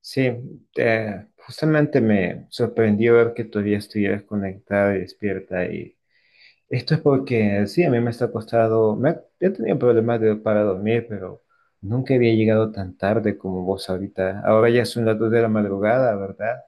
Sí, justamente me sorprendió ver que todavía estuvieras conectada y despierta. Y esto es porque, sí, a mí me está costado, he tenido problemas para dormir, pero nunca había llegado tan tarde como vos ahorita. Ahora ya son las 2 de la madrugada, ¿verdad?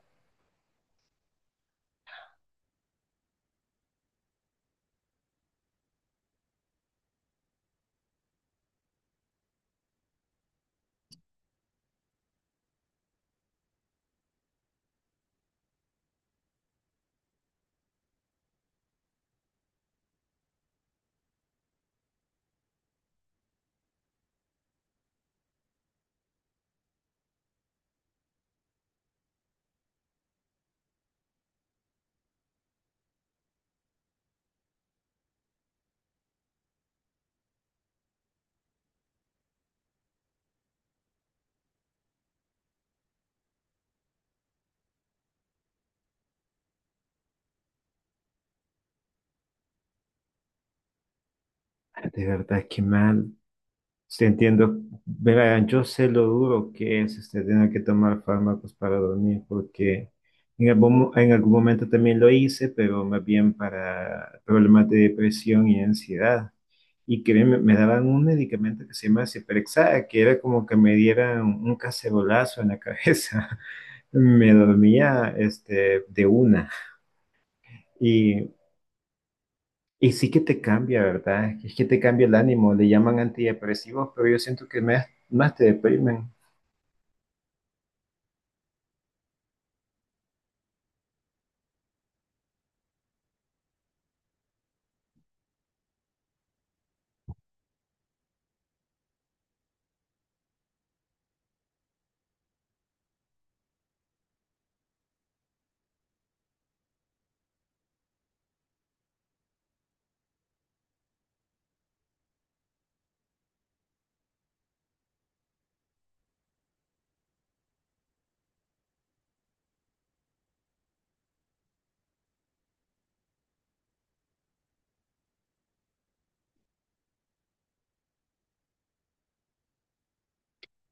De verdad, qué mal. Sí, entiendo. Verán, yo sé lo duro que es este, tener que tomar fármacos para dormir, porque en algún momento también lo hice, pero más bien para problemas de depresión y ansiedad. Y créeme, me daban un medicamento que se llama Ciprexa, que era como que me dieran un cacerolazo en la cabeza. Me dormía este, de una. Y, y sí que te cambia, ¿verdad? Es que te cambia el ánimo. Le llaman antidepresivos, pero yo siento que más te deprimen.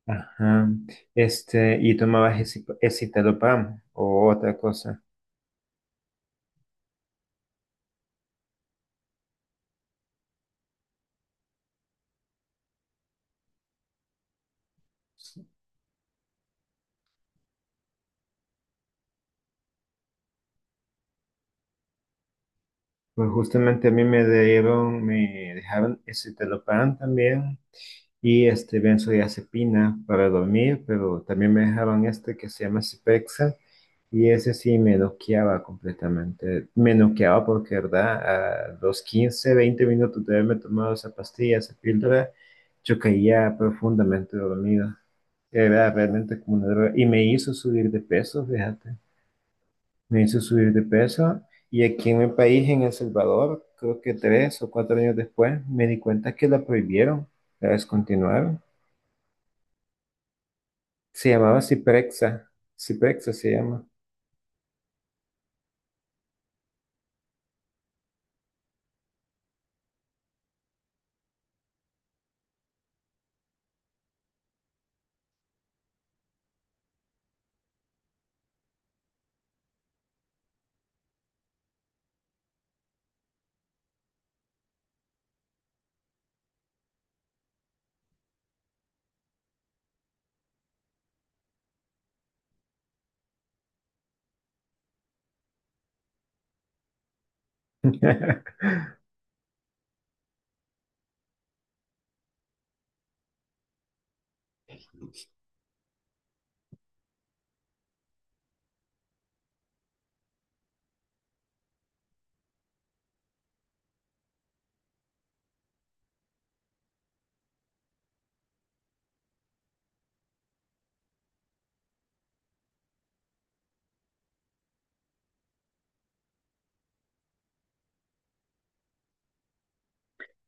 Ajá. Este, ¿y tomabas escitalopram o otra cosa? Pues justamente a mí me dieron, me dejaron escitalopram también y este benzodiazepina para dormir, pero también me dejaron este que se llama Cipexa y ese sí me noqueaba completamente. Me noqueaba porque, ¿verdad? A los 15 20 minutos de haberme tomado esa pastilla, esa píldora, yo caía profundamente dormido. Era realmente como una droga y me hizo subir de peso, fíjate. Me hizo subir de peso y aquí en mi país, en El Salvador, creo que 3 o 4 años después, me di cuenta que la prohibieron, la descontinuaron. Se llamaba Ciprexa, Ciprexa se llama.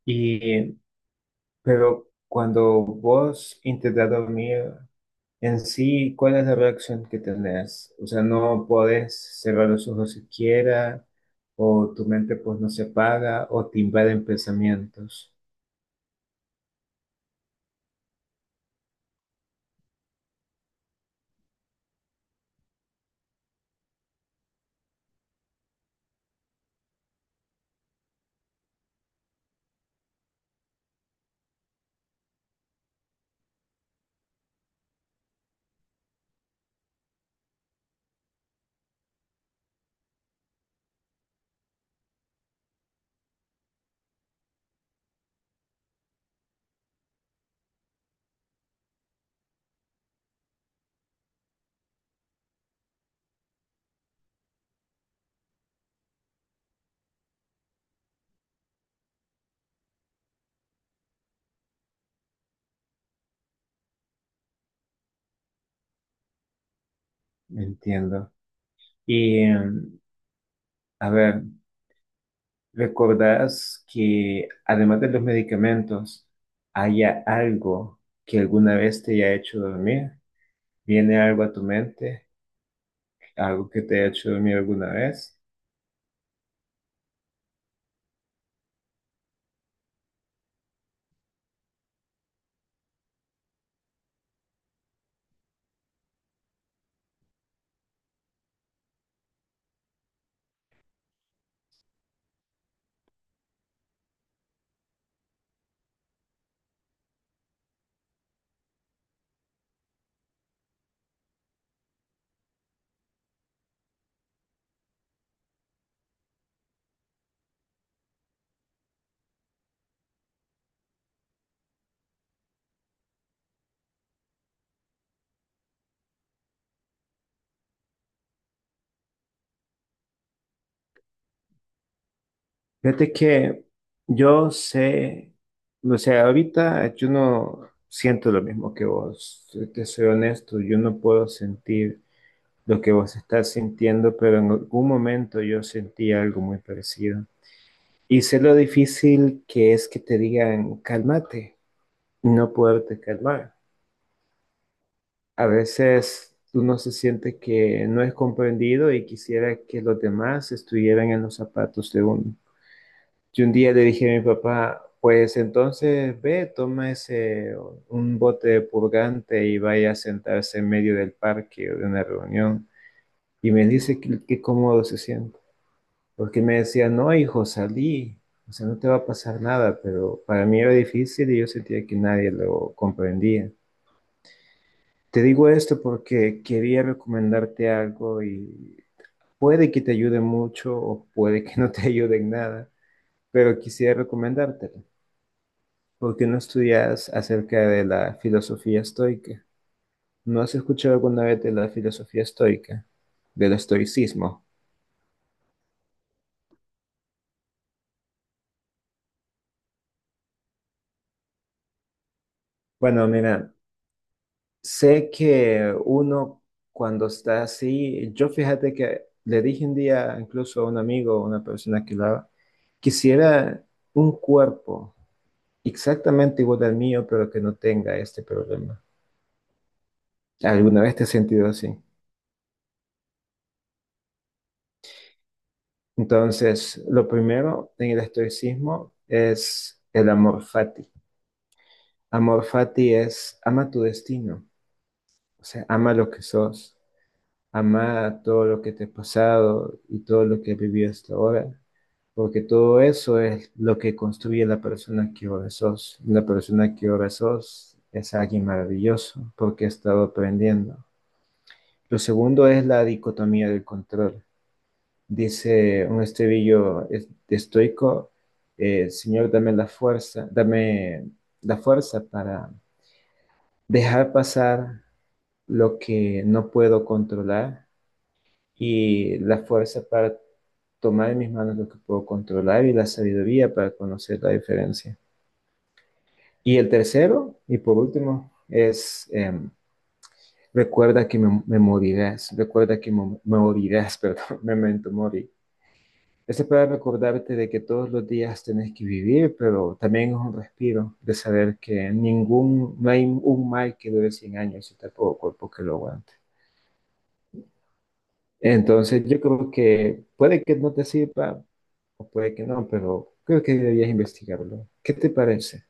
Y, pero cuando vos intentas dormir en sí, ¿cuál es la reacción que tenés? O sea, no podés cerrar los ojos siquiera, o tu mente pues no se apaga, o te invaden pensamientos. Entiendo. Y, em, a ver, ¿recordás que además de los medicamentos, haya algo que alguna vez te haya hecho dormir? ¿Viene algo a tu mente? ¿Algo que te haya hecho dormir alguna vez? Fíjate que yo sé, o sea, ahorita yo no siento lo mismo que vos. Te soy honesto, yo no puedo sentir lo que vos estás sintiendo, pero en algún momento yo sentí algo muy parecido. Y sé lo difícil que es que te digan, cálmate, y no poderte calmar. A veces uno se siente que no es comprendido y quisiera que los demás estuvieran en los zapatos de uno. Yo un día le dije a mi papá, pues entonces ve, toma ese, un bote de purgante y vaya a sentarse en medio del parque o de una reunión. Y me dice que qué cómodo se siente. Porque me decía, no, hijo, salí. O sea, no te va a pasar nada, pero para mí era difícil y yo sentía que nadie lo comprendía. Te digo esto porque quería recomendarte algo y puede que te ayude mucho o puede que no te ayude en nada, pero quisiera recomendártelo. ¿Porque no estudias acerca de la filosofía estoica? ¿No has escuchado alguna vez de la filosofía estoica, del estoicismo? Bueno, mira, sé que uno cuando está así, yo fíjate que le dije un día incluso a un amigo, a una persona que hablaba, quisiera un cuerpo exactamente igual al mío, pero que no tenga este problema. ¿Alguna vez te has sentido así? Entonces, lo primero en el estoicismo es el amor fati. Amor fati es ama tu destino, o sea, ama lo que sos, ama todo lo que te ha pasado y todo lo que has vivido hasta ahora, porque todo eso es lo que construye la persona que ahora sos. La persona que ahora sos es alguien maravilloso porque ha estado aprendiendo. Lo segundo es la dicotomía del control. Dice un estribillo estoico, Señor, dame la fuerza para dejar pasar lo que no puedo controlar y la fuerza para tomar en mis manos lo que puedo controlar y la sabiduría para conocer la diferencia. Y el tercero, y por último, es recuerda que morirás, perdón, memento mori. Ese para recordarte de que todos los días tenés que vivir, pero también es un respiro de saber que ningún, no hay un mal que dure 100 años y tampoco cuerpo que lo aguante. Entonces, yo creo que puede que no te sirva o puede que no, pero creo que deberías investigarlo. ¿Qué te parece?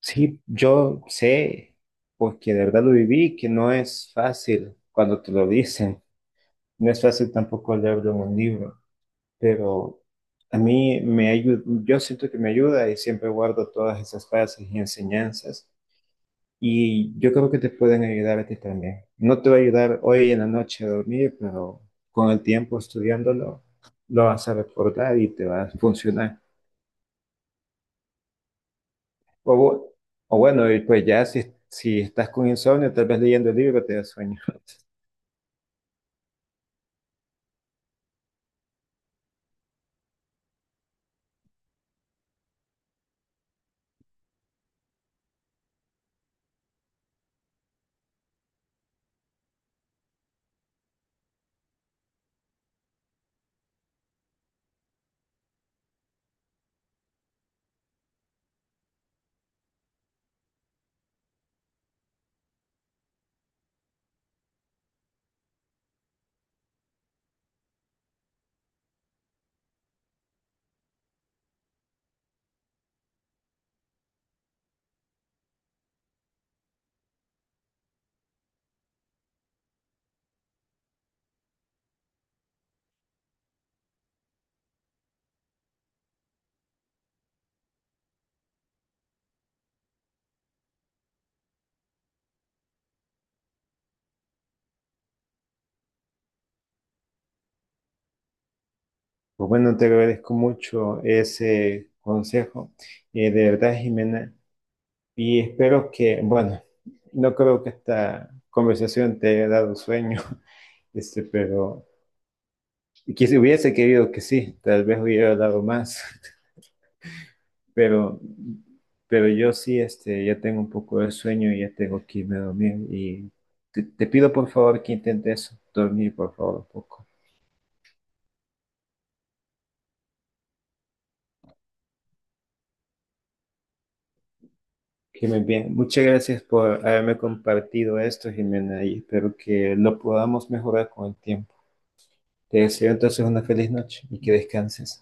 Sí, yo sé, porque de verdad lo viví, que no es fácil cuando te lo dicen. No es fácil tampoco leerlo en un libro, pero a mí me ayuda, yo siento que me ayuda y siempre guardo todas esas frases y enseñanzas y yo creo que te pueden ayudar a ti también. No te va a ayudar hoy en la noche a dormir, pero con el tiempo estudiándolo lo vas a recordar y te va a funcionar. O, bu- o bueno, y pues ya si estás con insomnio, tal vez leyendo el libro te da sueño. Pues bueno, te agradezco mucho ese consejo. De verdad, Jimena. Y espero que, bueno, no creo que esta conversación te haya dado sueño, este, pero quise hubiese querido que sí, tal vez hubiera dado más, pero, pero yo sí, este, ya tengo un poco de sueño y ya tengo que irme a dormir y te pido por favor que intentes dormir por favor un poco. Que me bien. Muchas gracias por haberme compartido esto, Jimena, y espero que lo podamos mejorar con el tiempo. Te deseo entonces una feliz noche y que descanses.